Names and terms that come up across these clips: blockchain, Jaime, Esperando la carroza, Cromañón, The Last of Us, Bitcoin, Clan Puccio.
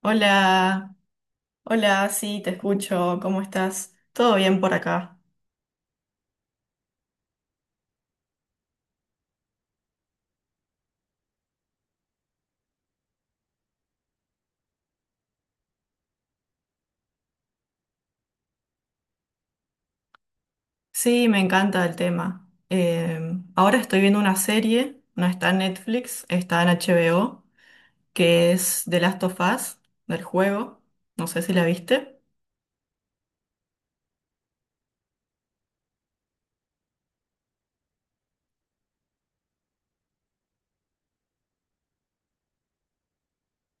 Hola, hola, sí, te escucho, ¿cómo estás? ¿Todo bien por acá? Sí, me encanta el tema. Ahora estoy viendo una serie, no está en Netflix, está en HBO, que es The Last of Us, del juego. No sé si la viste.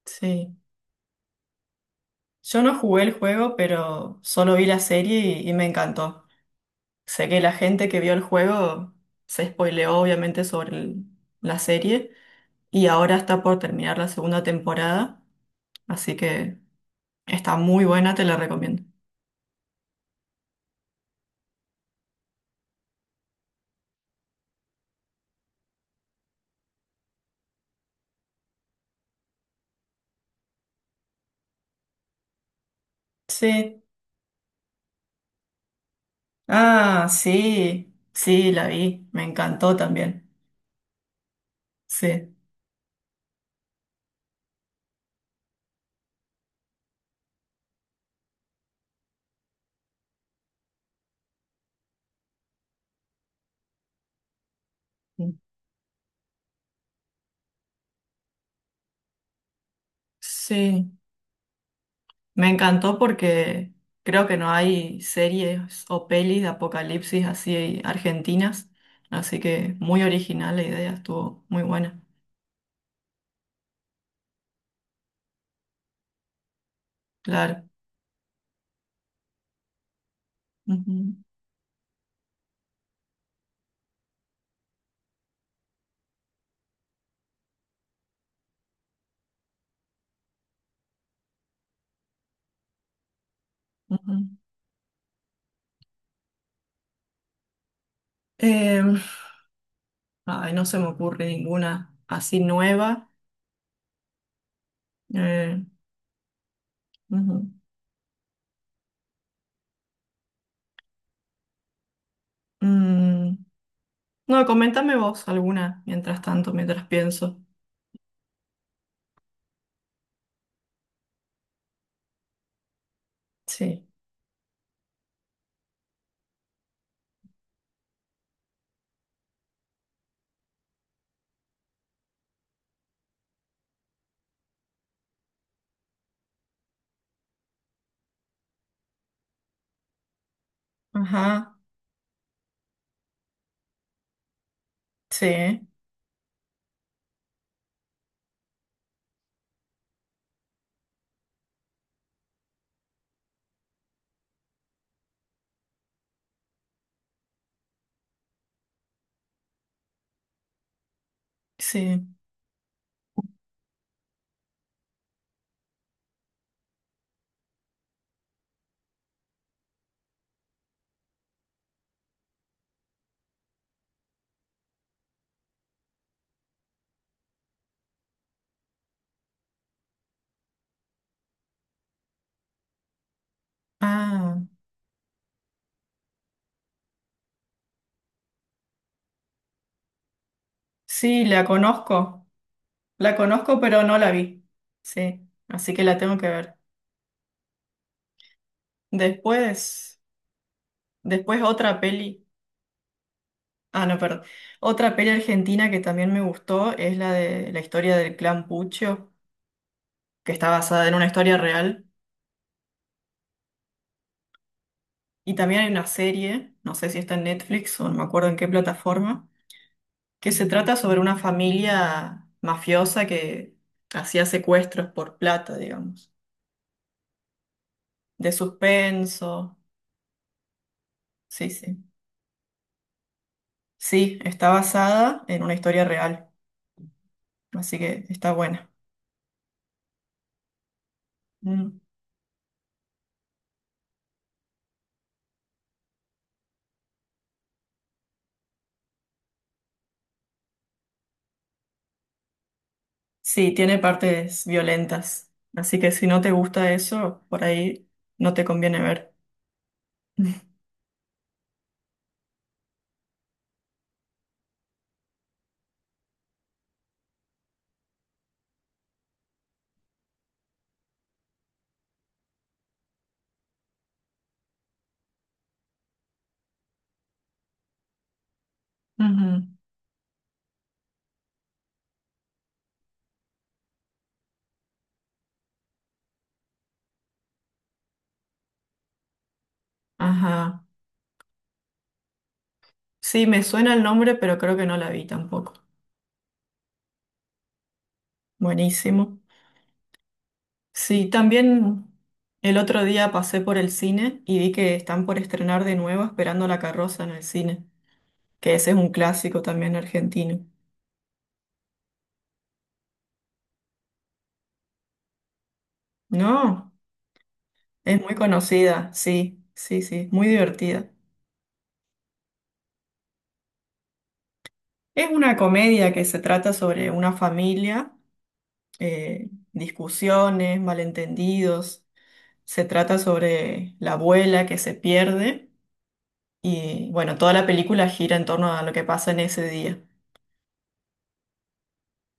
Sí, yo no jugué el juego, pero solo vi la serie y, me encantó. Sé que la gente que vio el juego se spoileó obviamente sobre la serie y ahora está por terminar la segunda temporada, así que... Está muy buena, te la recomiendo. Sí. Ah, sí, sí, la vi. Me encantó también. Sí. Sí. Me encantó porque creo que no hay series o pelis de apocalipsis así argentinas. Así que muy original la idea, estuvo muy buena. Claro. Ujú, ujú. Eh, Ay, no se me ocurre ninguna así nueva. Eh, Ujú. Mm. No, coméntame vos alguna mientras tanto, mientras pienso. Sí. Ajá. Sí. Sí. Ah. Sí, la conozco. La conozco, pero no la vi. Sí. Así que la tengo que ver. Después, otra peli. Ah, no, perdón. Otra peli argentina que también me gustó es la de la historia del clan Puccio, que está basada en una historia real. Y también hay una serie, no sé si está en Netflix o no me acuerdo en qué plataforma, que se trata sobre una familia mafiosa que hacía secuestros por plata, digamos. De suspenso. Sí, sí. Sí, está basada en una historia real, así que está buena. Mm. Sí, tiene partes violentas, así que si no te gusta eso, por ahí no te conviene ver. Ujú. Ajá. Sí, me suena el nombre, pero creo que no la vi tampoco. Buenísimo. Sí, también el otro día pasé por el cine y vi que están por estrenar de nuevo Esperando la carroza en el cine, que ese es un clásico también argentino. No, es muy conocida, sí, sí, sí, muy divertida. Es una comedia que se trata sobre una familia, discusiones, malentendidos. Se trata sobre la abuela que se pierde y bueno, toda la película gira en torno a lo que pasa en ese día.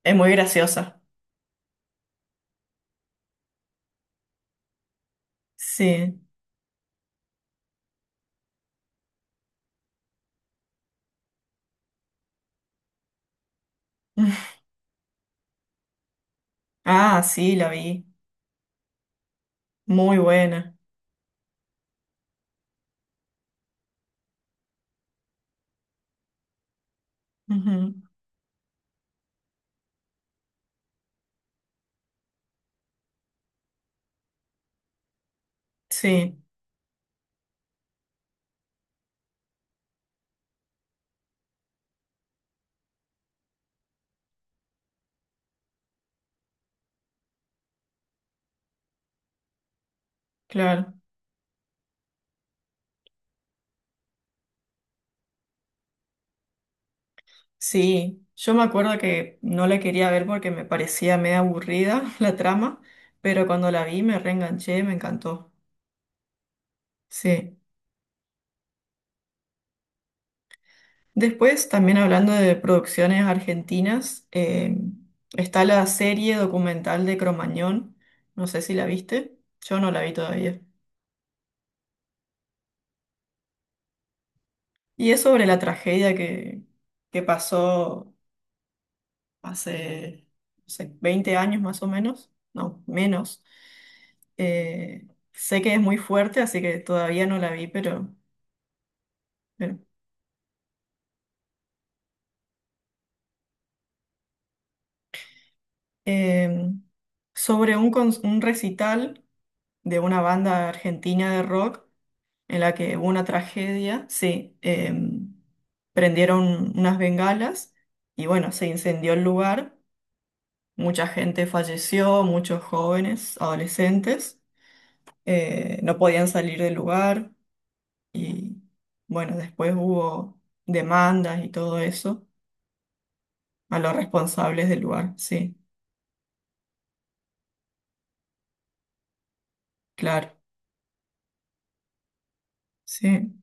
Es muy graciosa. Sí. Ah, sí, la vi. Muy buena. Ujú. Sí, claro. Sí, yo me acuerdo que no la quería ver porque me parecía medio aburrida la trama, pero cuando la vi me reenganché, me encantó. Sí. Después, también hablando de producciones argentinas, está la serie documental de Cromañón. No sé si la viste. Yo no la vi todavía. Y es sobre la tragedia que, pasó hace, no sé, 20 años más o menos, no, menos. Eh, Sé que es muy fuerte, así que todavía no la vi, pero, pero, eh, sobre un, un recital de una banda argentina de rock en la que hubo una tragedia, sí, prendieron unas bengalas y bueno, se incendió el lugar. Mucha gente falleció, muchos jóvenes, adolescentes, no podían salir del lugar. Y bueno, después hubo demandas y todo eso a los responsables del lugar. Sí, claro. Sí.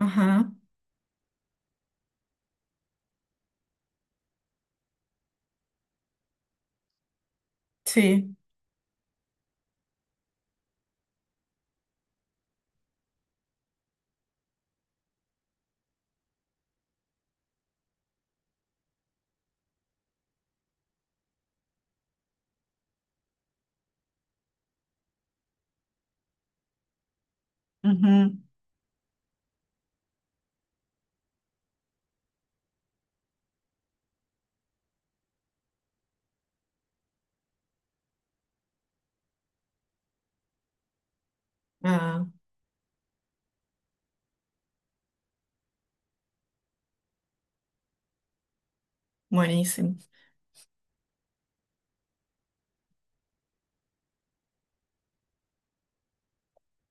Ajá. Sí. Ujú. Ah, buenísimo.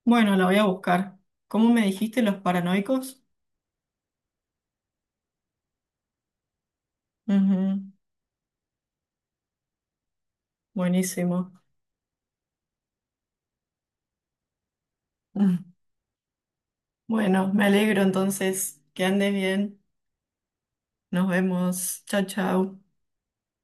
Bueno, la voy a buscar. ¿Cómo me dijiste, los paranoicos? Ujú. Buenísimo. Mm. Bueno, me alegro entonces. Que andes bien. Nos vemos. Chao, chao.